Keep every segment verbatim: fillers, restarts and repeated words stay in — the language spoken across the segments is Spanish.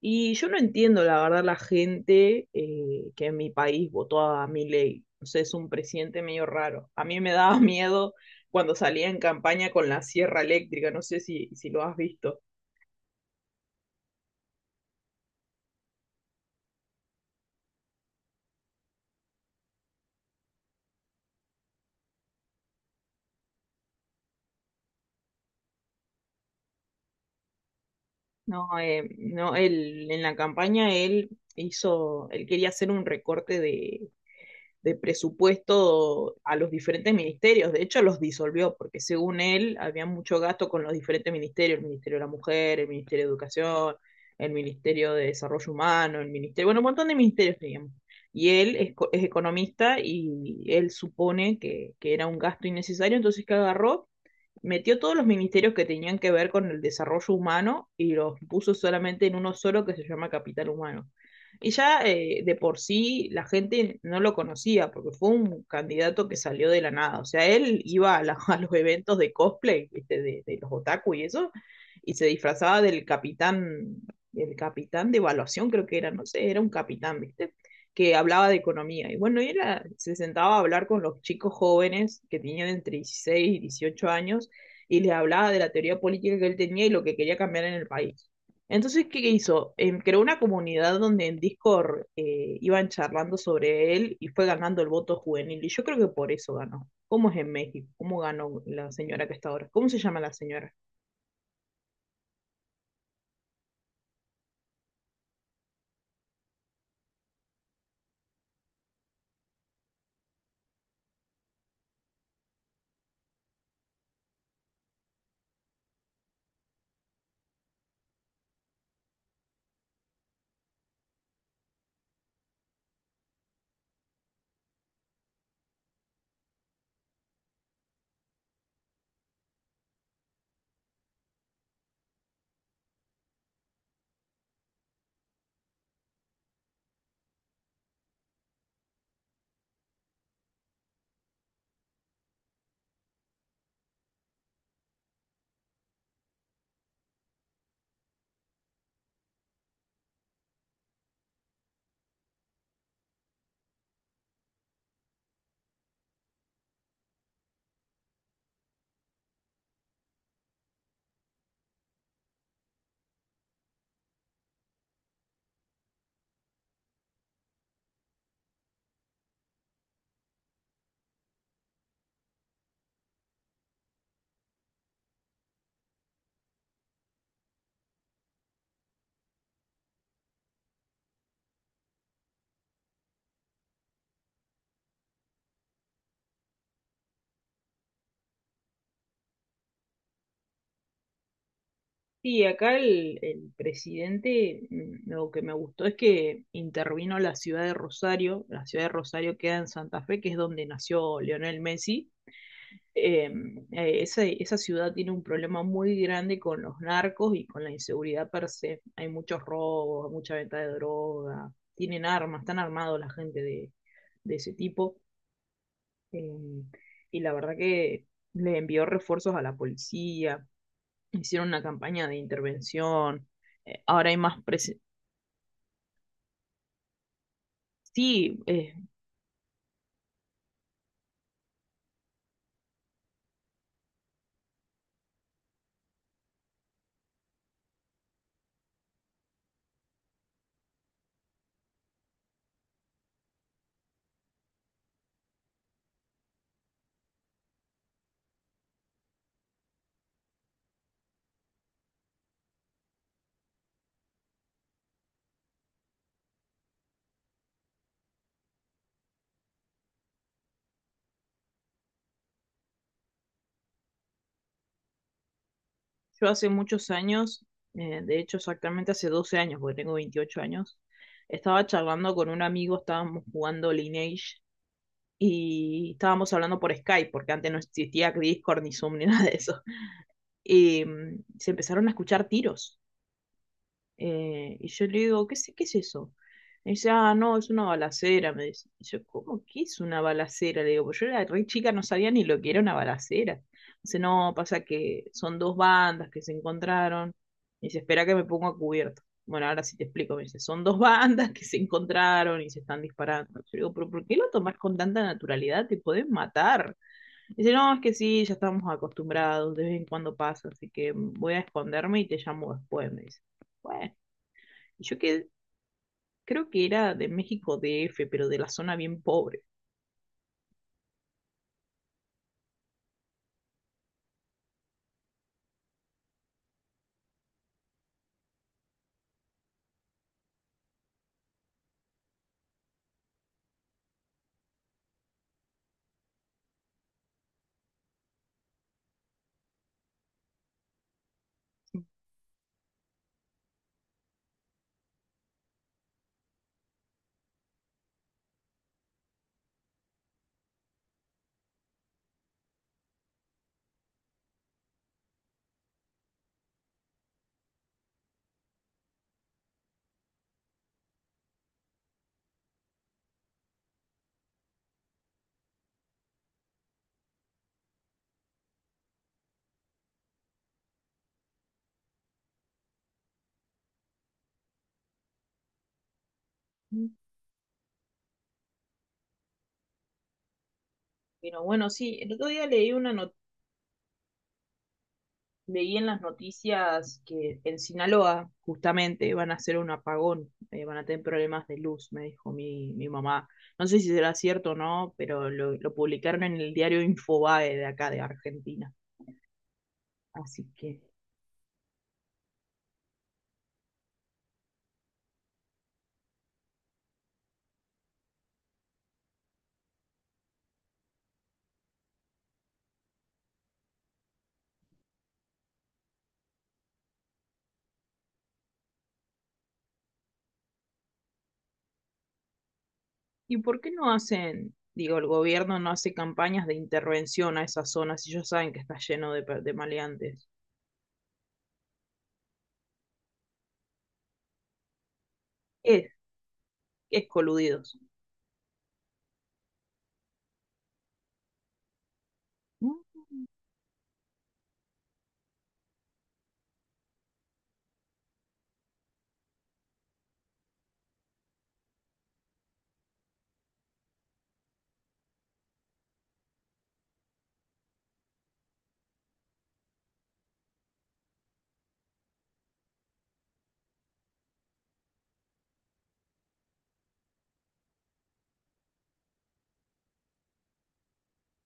Y yo no entiendo, la verdad, la gente eh, que en mi país votó a Milei. O sea, es un presidente medio raro. A mí me daba miedo cuando salía en campaña con la sierra eléctrica. No sé si, si lo has visto. No, eh, no, él, en la campaña él hizo, él quería hacer un recorte de, de presupuesto a los diferentes ministerios. De hecho, los disolvió, porque según él había mucho gasto con los diferentes ministerios, el Ministerio de la Mujer, el Ministerio de Educación, el Ministerio de Desarrollo Humano, el Ministerio, bueno, un montón de ministerios teníamos. Y él es, es economista y él supone que, que, era un gasto innecesario, entonces que agarró metió todos los ministerios que tenían que ver con el desarrollo humano y los puso solamente en uno solo que se llama Capital Humano. Y ya eh, de por sí la gente no lo conocía porque fue un candidato que salió de la nada. O sea, él iba a, la- a los eventos de cosplay, ¿viste? De, de los otaku y eso, y se disfrazaba del capitán, del capitán de evaluación, creo que era, no sé, era un capitán, ¿viste? Que hablaba de economía. Y bueno, y él ah, se sentaba a hablar con los chicos jóvenes que tenían entre dieciséis y dieciocho años y le hablaba de la teoría política que él tenía y lo que quería cambiar en el país. Entonces, ¿qué hizo? Em, creó una comunidad donde en Discord eh, iban charlando sobre él y fue ganando el voto juvenil. Y yo creo que por eso ganó. ¿Cómo es en México? ¿Cómo ganó la señora que está ahora? ¿Cómo se llama la señora? Sí, acá el, el presidente, mm, lo que me gustó es que intervino la ciudad de Rosario. La ciudad de Rosario queda en Santa Fe, que es donde nació Lionel Messi, em, eh, esa, esa ciudad tiene un problema muy grande con los narcos y con la inseguridad per se. Hay muchos robos, mucha venta de droga, tienen armas, están armados la gente de, de ese tipo. eh, y la verdad que le envió refuerzos a la policía, hicieron una campaña de intervención. Eh, ahora hay más... presen- Sí, eh, Yo hace muchos años, eh, de hecho exactamente hace doce años, porque tengo veintiocho años, estaba charlando con un amigo, estábamos jugando Lineage y estábamos hablando por Skype, porque antes no existía Discord ni Zoom ni nada de eso. Y mm, se empezaron a escuchar tiros, eh, y yo le digo, ¿qué, es- qué es eso? Me dice, ah, no, es una balacera, me dice. Y yo, ¿cómo que es una balacera? Le digo, pues yo era re chica, no sabía ni lo que era una balacera. Dice, no, pasa que son dos bandas que se encontraron. Y dice, espera que me pongo a cubierto. Bueno, ahora sí te explico, me dice, son dos bandas que se encontraron y se están disparando. Yo digo, pero ¿por qué lo tomás con tanta naturalidad? Te pueden matar. Dice, no, es que sí, ya estamos acostumbrados, de vez en cuando pasa, así que voy a esconderme y te llamo después, me dice. Bueno. Y yo que, creo que era de México D F, pero de la zona bien pobre. Pero bueno, sí, el otro día leí una no- leí en las noticias que en Sinaloa justamente van a hacer un apagón, eh, van a tener problemas de luz, me dijo mi, mi mamá. No sé si será cierto o no, pero lo, lo publicaron en el diario Infobae de acá de Argentina. Así que, ¿y por qué no hacen, digo, el gobierno no hace campañas de intervención a esas zonas si ellos saben que está lleno de, pe- de maleantes? Es eh, coludidos.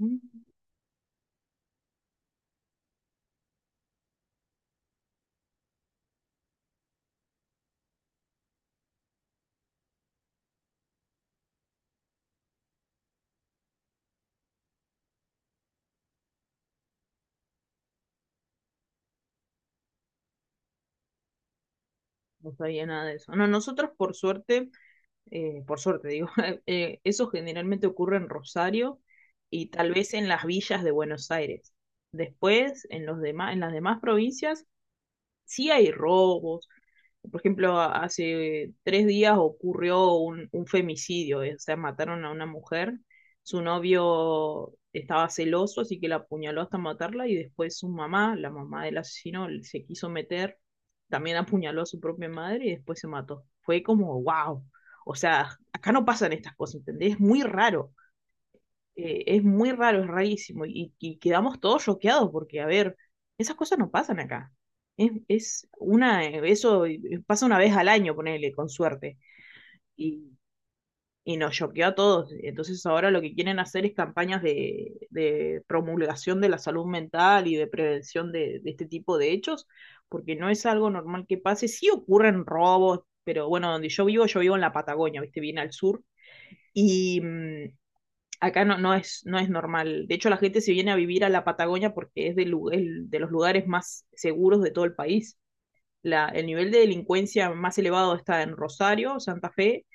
Mm, no sabía nada de eso. No, nosotros por suerte, eh, por suerte digo, eh, eso generalmente ocurre en Rosario y tal vez en las villas de Buenos Aires. Después, en, los demás, en las demás provincias, sí hay robos. Por ejemplo, a- hace tres días ocurrió un, un femicidio, eh, o sea, mataron a una mujer, su novio estaba celoso, así que la apuñaló hasta matarla y después su mamá, la mamá del asesino, se quiso meter, también apuñaló a su propia madre y después se mató. Fue como, wow, o sea, acá no pasan estas cosas, ¿entendés? Es muy raro, eh, es muy raro, es rarísimo. Y, y quedamos todos choqueados porque, a ver, esas cosas no pasan acá. Es, es una, eh, eso eh, pasa una vez al año, ponele, con suerte. Y, y nos choqueó a todos. Entonces ahora lo que quieren hacer es campañas de, de promulgación de la salud mental y de prevención de, de este tipo de hechos, porque no es algo normal que pase. Sí ocurren robos, pero bueno, donde yo vivo, yo vivo en la Patagonia, viste, bien al sur. Y mm, acá no, no es, no es normal. De hecho, la gente se viene a vivir a la Patagonia porque es de, lu- el- de los lugares más seguros de todo el país. La, el nivel de delincuencia más elevado está en Rosario, Santa Fe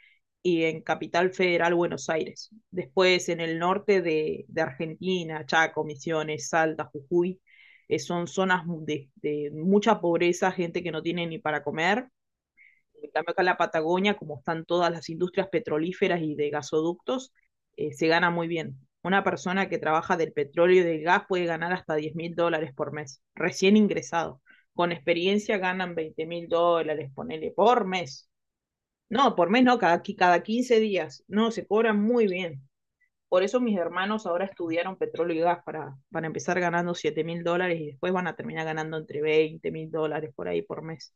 y en Capital Federal, Buenos Aires. Después, en el norte de, de Argentina, Chaco, Misiones, Salta, Jujuy, eh, son zonas mu- de, de mucha pobreza, gente que no tiene ni para comer. En cambio, acá en la Patagonia, como están todas las industrias petrolíferas y de gasoductos, eh, se gana muy bien. Una persona que trabaja del petróleo y del gas puede ganar hasta diez mil dólares por mes, recién ingresado. Con experiencia ganan veinte mil dólares, ponele, por mes. No, por mes no, cada, cada quince días. No, se cobran muy bien. Por eso mis hermanos ahora estudiaron petróleo y gas para, para empezar ganando siete mil dólares y después van a terminar ganando entre veinte mil dólares por ahí por mes.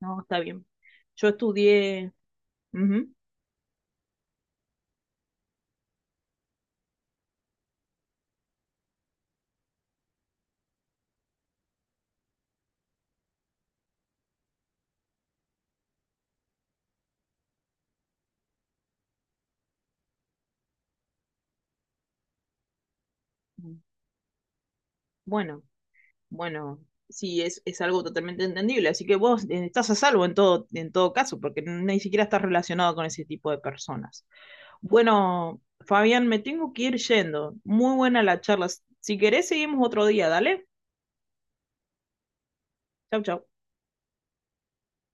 No, está bien. Yo estudié. Ujú. Bueno, bueno, sí, es, es algo totalmente entendible. Así que vos eh, estás a salvo en todo, en todo caso, porque ni siquiera estás relacionado con ese tipo de personas. Bueno, Fabián, me tengo que ir yendo. Muy buena la charla. Si querés, seguimos otro día, dale. Chau, chau.